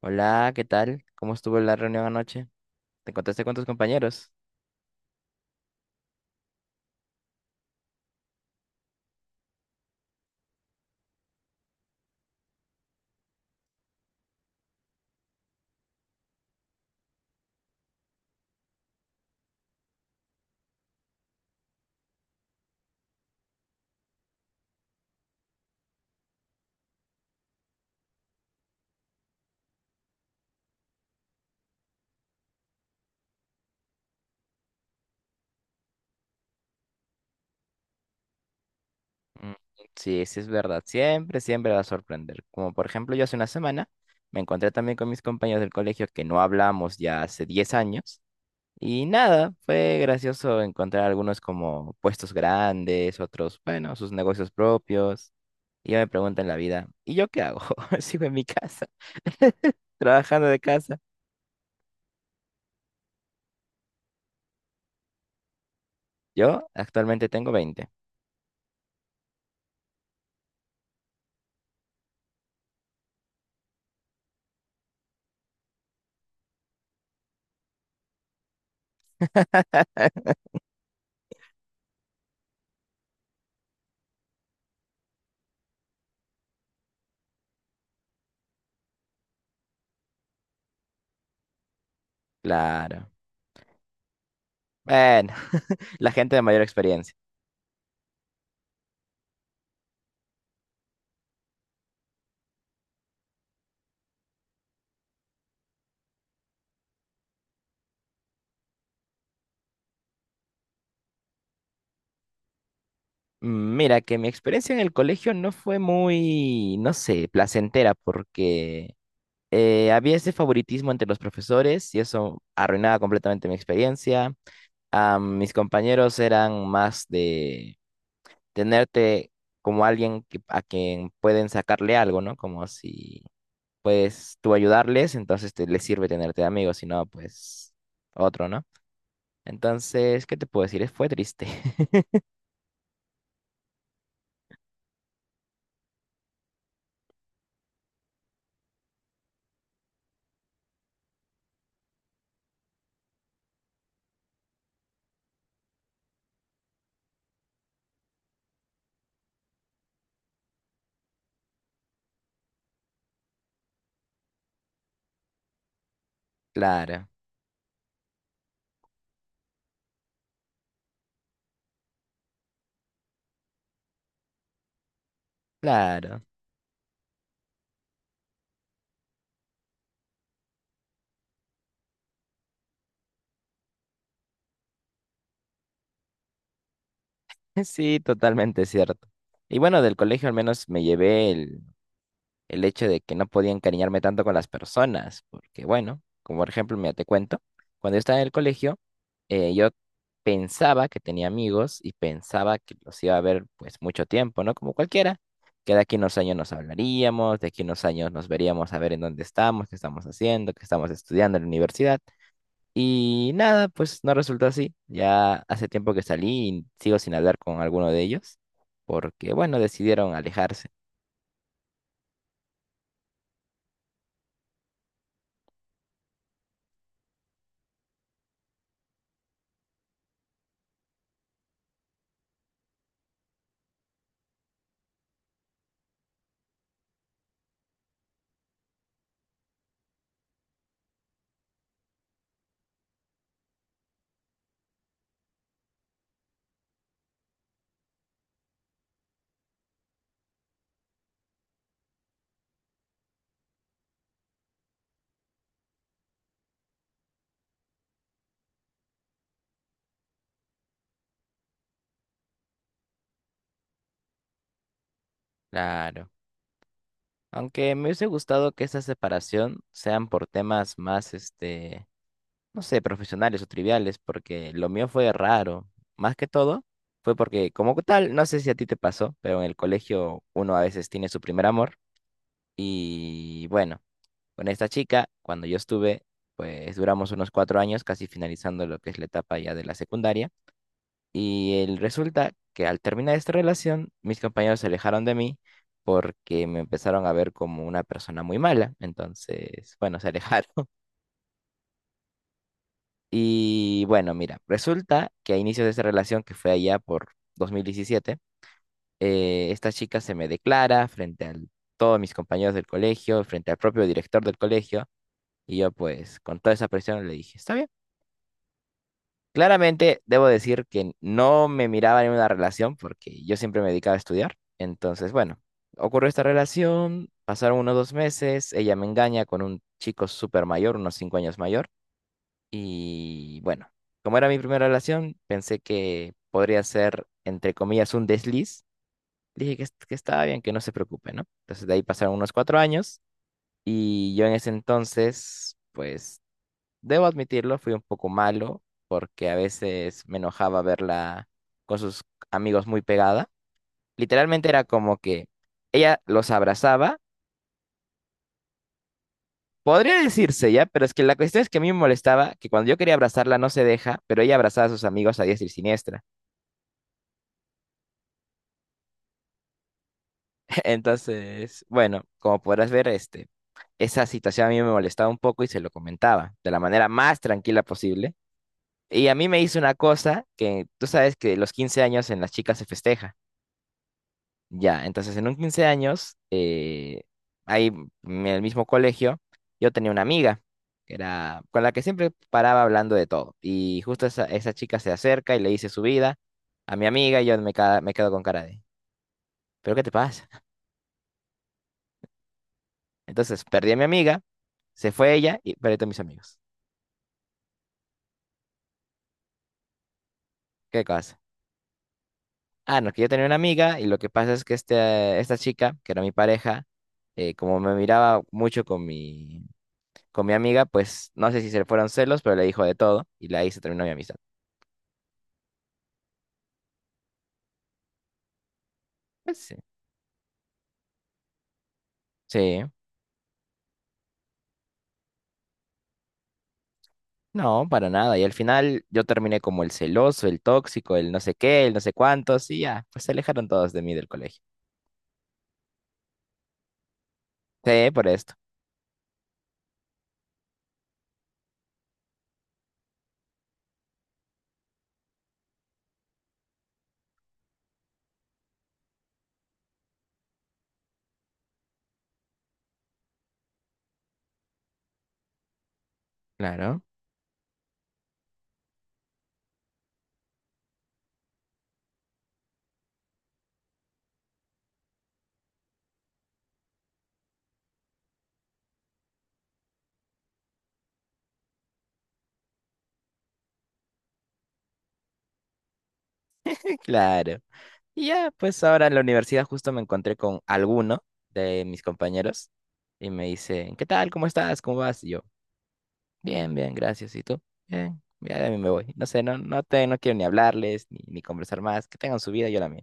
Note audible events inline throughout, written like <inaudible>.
Hola, ¿qué tal? ¿Cómo estuvo la reunión anoche? ¿Te encontraste con tus compañeros? Mm, sí, sí es verdad. Siempre va a sorprender. Como por ejemplo, yo hace una semana me encontré también con mis compañeros del colegio que no hablamos ya hace 10 años. Y nada, fue gracioso encontrar algunos como puestos grandes, otros, bueno, sus negocios propios. Y yo me pregunto en la vida, ¿y yo qué hago? <laughs> Sigo en mi casa, <laughs> trabajando de casa. Yo actualmente tengo 20. <laughs> Claro. Bueno, <laughs> la gente de mayor experiencia. Mm, mira, que mi experiencia en el colegio no fue muy, no sé, placentera porque había ese favoritismo entre los profesores y eso arruinaba completamente mi experiencia. Ah, mis compañeros eran más de tenerte como alguien a quien pueden sacarle algo, ¿no? Como si puedes tú ayudarles, entonces te, les sirve tenerte de amigo, si no, pues otro, ¿no? Entonces, ¿qué te puedo decir? Fue triste. <laughs> Claro. Claro, <laughs> sí, totalmente cierto. Y bueno, del colegio al menos me llevé el hecho de que no podía encariñarme tanto con las personas, porque bueno, como por ejemplo, mira, te cuento, cuando yo estaba en el colegio, yo pensaba que tenía amigos y pensaba que los iba a ver pues mucho tiempo, ¿no? Como cualquiera, que de aquí a unos años nos hablaríamos, de aquí a unos años nos veríamos a ver en dónde estamos, qué estamos haciendo, qué estamos estudiando en la universidad. Y nada, pues no resultó así. Ya hace tiempo que salí y sigo sin hablar con alguno de ellos, porque bueno, decidieron alejarse. Claro. Aunque me hubiese gustado que esa separación sean por temas más, este, no sé, profesionales o triviales, porque lo mío fue raro. Más que todo, fue porque como tal, no sé si a ti te pasó, pero en el colegio uno a veces tiene su primer amor y bueno. Con esta chica, cuando yo estuve, pues duramos unos 4 años, casi finalizando lo que es la etapa ya de la secundaria. Y el resulta que al terminar esta relación, mis compañeros se alejaron de mí porque me empezaron a ver como una persona muy mala. Entonces, bueno, se alejaron. <laughs> Y bueno, mira, resulta que a inicios de esa relación, que fue allá por 2017, esta chica se me declara frente a todos mis compañeros del colegio, frente al propio director del colegio. Y yo pues con toda esa presión le dije, está bien. Claramente debo decir que no me miraba en una relación porque yo siempre me dedicaba a estudiar. Entonces, bueno, ocurrió esta relación, pasaron unos 2 meses, ella me engaña con un chico súper mayor, unos 5 años mayor. Y bueno, como era mi primera relación, pensé que podría ser, entre comillas, un desliz. Dije que estaba bien, que no se preocupe, ¿no? Entonces de ahí pasaron unos 4 años y yo en ese entonces, pues debo admitirlo, fui un poco malo porque a veces me enojaba verla con sus amigos muy pegada. Literalmente era como que ella los abrazaba, podría decirse ya, pero es que la cuestión es que a mí me molestaba que cuando yo quería abrazarla no se deja, pero ella abrazaba a sus amigos a diestra y siniestra. <laughs> Entonces, bueno, como podrás ver, este, esa situación a mí me molestaba un poco y se lo comentaba de la manera más tranquila posible. Y a mí me hizo una cosa que tú sabes que los 15 años en las chicas se festeja. Ya, entonces en un 15 años, ahí en el mismo colegio, yo tenía una amiga que era, con la que siempre paraba hablando de todo. Y justo esa chica se acerca y le dice su vida a mi amiga y yo me quedo con cara de, ¿pero qué te pasa? Entonces perdí a mi amiga, se fue ella y perdí a todos mis amigos. ¿Qué cosa? Ah, no, que yo tenía una amiga y lo que pasa es que este, esta chica, que era mi pareja, como me miraba mucho con mi, con mi amiga, pues no sé si se le fueron celos, pero le dijo de todo y ahí se terminó mi amistad. Pues sí. Sí, no, para nada. Y al final yo terminé como el celoso, el tóxico, el no sé qué, el no sé cuántos y ya, pues se alejaron todos de mí del colegio. Sí, por esto. Claro. <laughs> Claro. Y ya, pues ahora en la universidad justo me encontré con alguno de mis compañeros y me dice, ¿qué tal? ¿Cómo estás? ¿Cómo vas? Y yo, bien, bien, gracias. ¿Y tú? Bien, ya de mí me voy. No sé, no quiero ni hablarles ni conversar más. Que tengan su vida, yo la mía.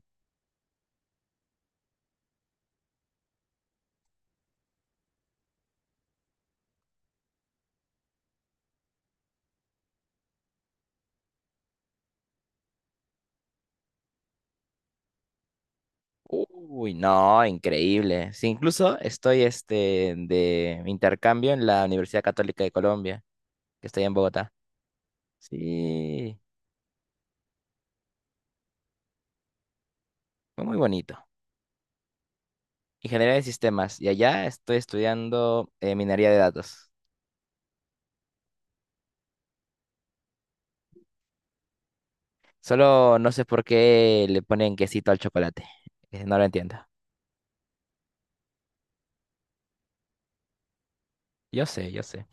Uy, no, increíble. Sí, incluso estoy este, de intercambio en la Universidad Católica de Colombia, que está allá en Bogotá. Sí, fue muy bonito. Ingeniería de sistemas. Y allá estoy estudiando minería de datos. Solo no sé por qué le ponen quesito al chocolate. No lo entiendo. Yo sé, yo sé.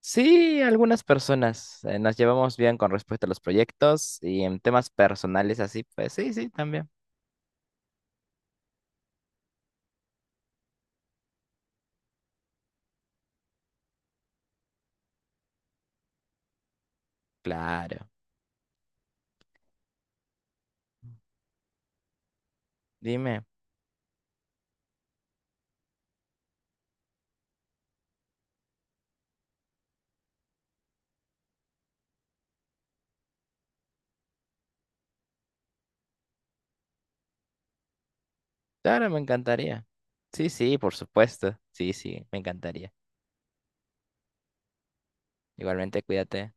Sí, algunas personas nos llevamos bien con respecto a los proyectos y en temas personales así, pues sí, sí, también. Claro. Dime. Claro, me encantaría. Sí, sí, por supuesto. Sí, sí, me encantaría. Igualmente, cuídate.